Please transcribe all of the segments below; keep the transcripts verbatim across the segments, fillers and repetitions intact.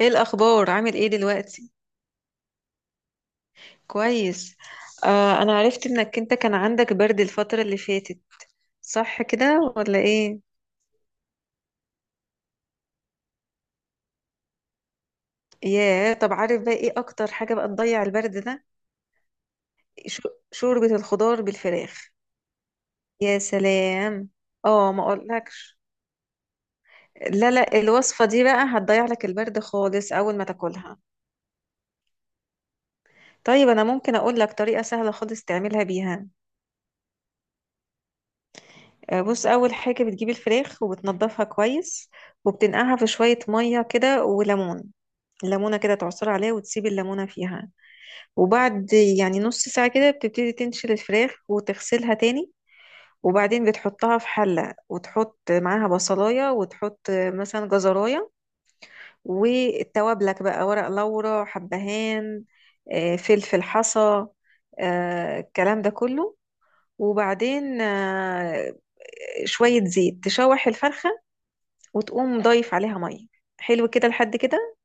ايه الاخبار عامل ايه دلوقتي؟ كويس. آه، انا عرفت انك انت كان عندك برد الفترة اللي فاتت، صح كده ولا ايه؟ ياه، طب عارف بقى ايه اكتر حاجة بقى تضيع البرد ده؟ ش- شوربة الخضار بالفراخ. يا سلام. اه، ما اقولكش. لا لا، الوصفة دي بقى هتضيع لك البرد خالص اول ما تاكلها. طيب انا ممكن اقول لك طريقة سهلة خالص تعملها بيها؟ آه، بص، اول حاجة بتجيب الفراخ وبتنضفها كويس، وبتنقعها في شوية مية كده وليمون. ليمونة كده تعصر عليها وتسيب الليمونة فيها، وبعد يعني نص ساعة كده بتبتدي تنشل الفراخ وتغسلها تاني. وبعدين بتحطها في حلة وتحط معاها بصلاية وتحط مثلا جزراية، والتوابلك بقى ورق لورا حبهان، آه، فلفل حصى، آه، الكلام ده كله. وبعدين آه، شوية زيت تشوح الفرخة، وتقوم ضايف عليها مية. حلو كده، لحد كده.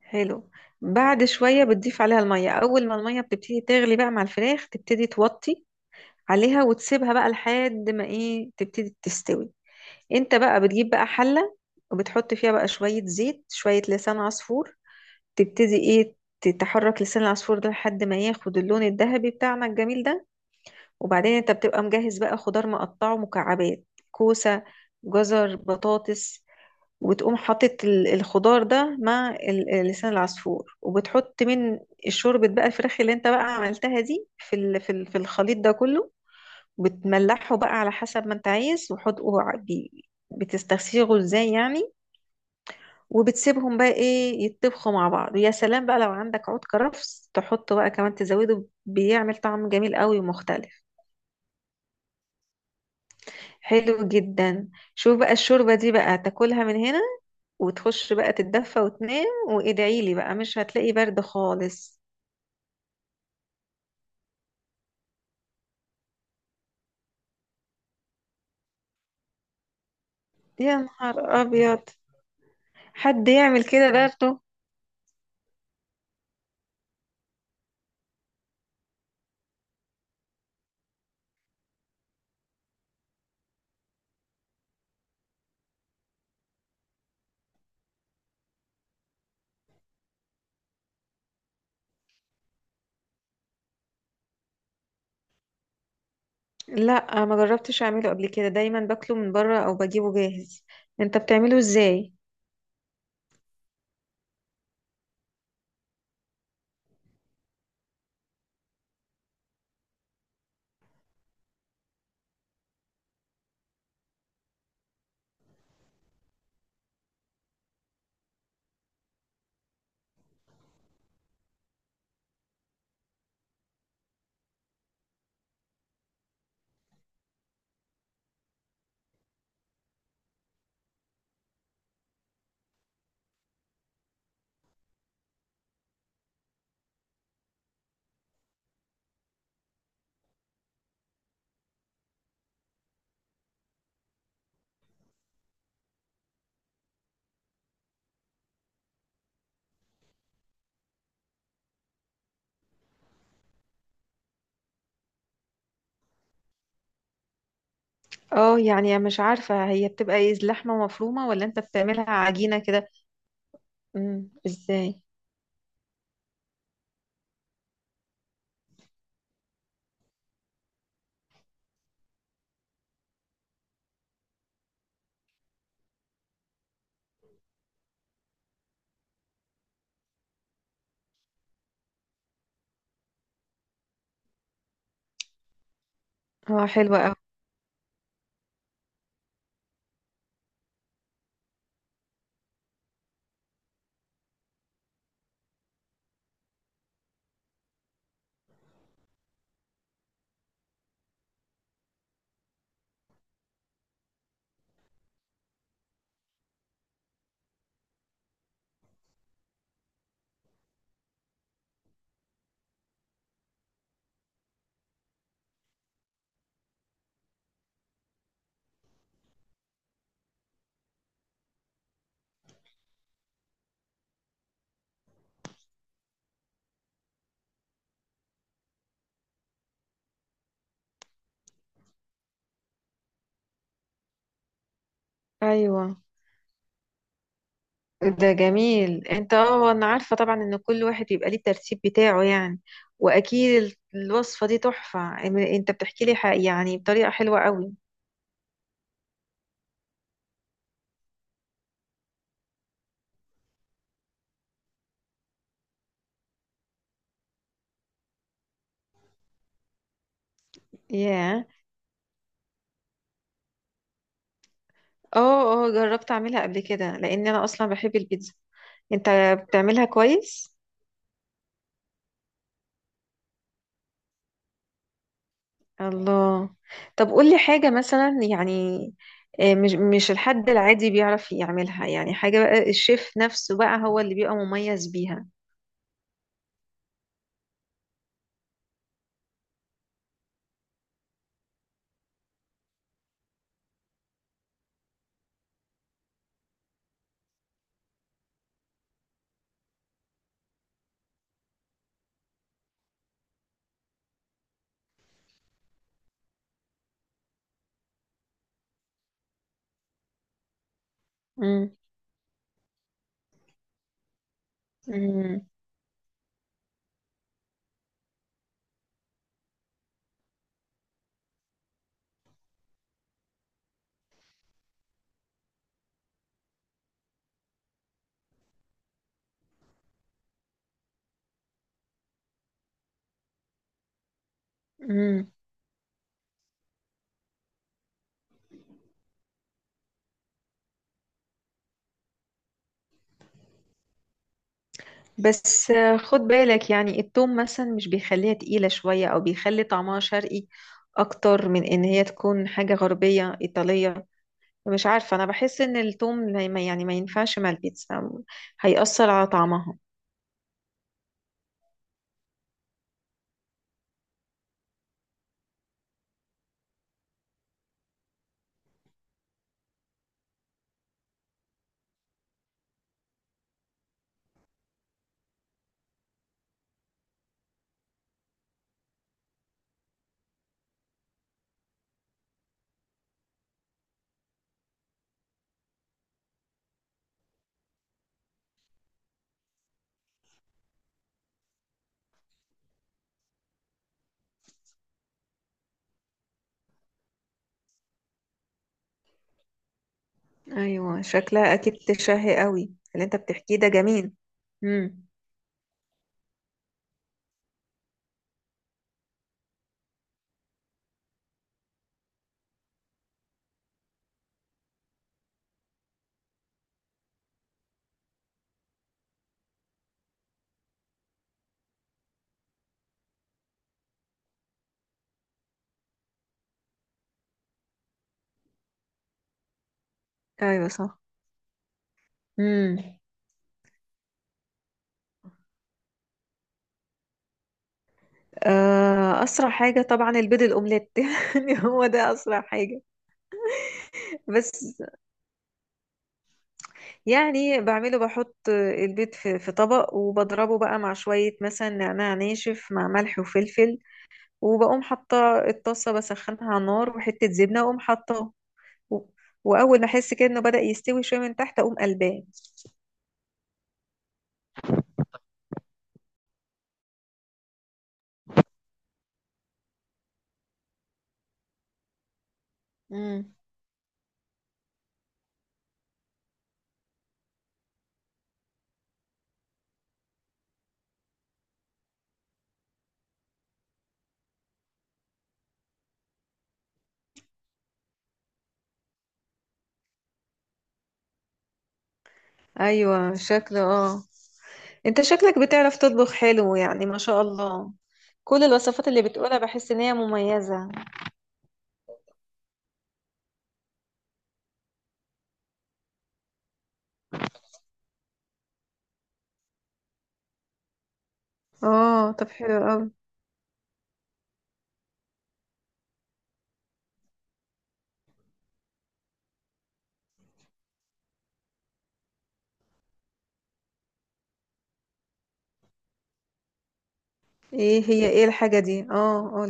حلو. بعد شوية بتضيف عليها المية، أول ما المية بتبتدي تغلي بقى مع الفراخ تبتدي توطي عليها وتسيبها بقى لحد ما إيه تبتدي تستوي. أنت بقى بتجيب بقى حلة، وبتحط فيها بقى شوية زيت شوية لسان عصفور، تبتدي إيه تحرك لسان العصفور ده لحد ما ياخد اللون الذهبي بتاعنا الجميل ده. وبعدين أنت بتبقى مجهز بقى خضار مقطعه مكعبات: كوسة، جزر، بطاطس. وتقوم حاطط ال- الخضار ده مع ال- لسان العصفور، وبتحط من شوربة بقى الفراخ اللي انت بقى عملتها دي في ال- في ال- في الخليط ده كله. بتملحه بقى على حسب ما انت عايز، وحط وع- بي- بتستسيغه ازاي يعني، وبتسيبهم بقى ايه يتطبخوا مع بعض. ويا سلام بقى لو عندك عود كرفس تحطه بقى كمان، تزوده بيعمل طعم جميل قوي ومختلف. حلو جدا. شوف بقى الشوربة دي بقى تاكلها من هنا، وتخش بقى تتدفى وتنام وادعي لي بقى، مش هتلاقي برد خالص. يا نهار ابيض، حد يعمل كده برضه؟ لا، ما جربتش اعمله قبل كده، دايما باكله من بره او بجيبه جاهز. انت بتعمله ازاي؟ اه يعني مش عارفة، هي بتبقى ايه لحمة مفرومة ولا انت بتعملها عجينة كده؟ امم، ازاي؟ اه حلوة اوي. ايوه. ده جميل. انت، اه، انا عارفة طبعا ان كل واحد يبقى ليه الترتيب بتاعه يعني. واكيد ال- الوصفة دي تحفة. ام- انت بتحكي لي حق- يعني بطريقة حلوة قوي. ياه، اه اه جربت اعملها قبل كده لان انا اصلا بحب البيتزا. انت بتعملها كويس؟ الله. طب قولي حاجة مثلا يعني، آه، مش مش الحد العادي بيعرف يعملها، يعني حاجة بقى الشيف نفسه بقى هو اللي بيبقى مميز بيها. امم. امم. بس آه، خد بالك يعني التوم مثلا مش بيخليها تقيلة شوية أو بيخلي طعمها شرقي أكتر من إن هي تكون حاجة غربية إيطالية. مش عارفة، أنا بحس إن التوم ما- ما- يعني ما ينفعش مع البيتزا، هيأثر على طعمها. أيوة، شكلها أكيد تشهي قوي اللي أنت بتحكيه ده جميل. مم. أيوة صح. مم. آه، أسرع حاجة طبعا البيض الأومليت يعني هو ده أسرع حاجة. بس يعني بعمله، بحط البيض في في طبق وبضربه بقى مع شوية مثلا نعناع ناشف مع ملح وفلفل، وبقوم حاطة الطاسة بسخنها على النار وحتة زبنة وأقوم حاطاه، و- وأول ما أحس كده إنه بدأ يستوي شوية من تحت أقوم قلباه. مم. أيوة شكله آه. أنت شكلك بتعرف تطبخ حلو يعني ما شاء الله، كل الوصفات اللي بتقولها بحس إن هي مميزة. آه طب حلو أوي. إيه هي، إيه الحاجة دي آه؟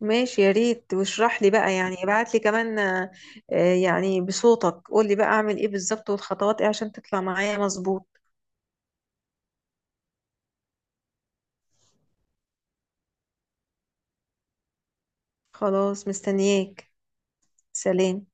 ماشي، يا ريت، واشرح لي بقى يعني، ابعت لي كمان. آه، آه، يعني بصوتك قول لي بقى اعمل ايه بالظبط والخطوات ايه عشان تطلع معايا مظبوط. خلاص، مستنياك. سلام.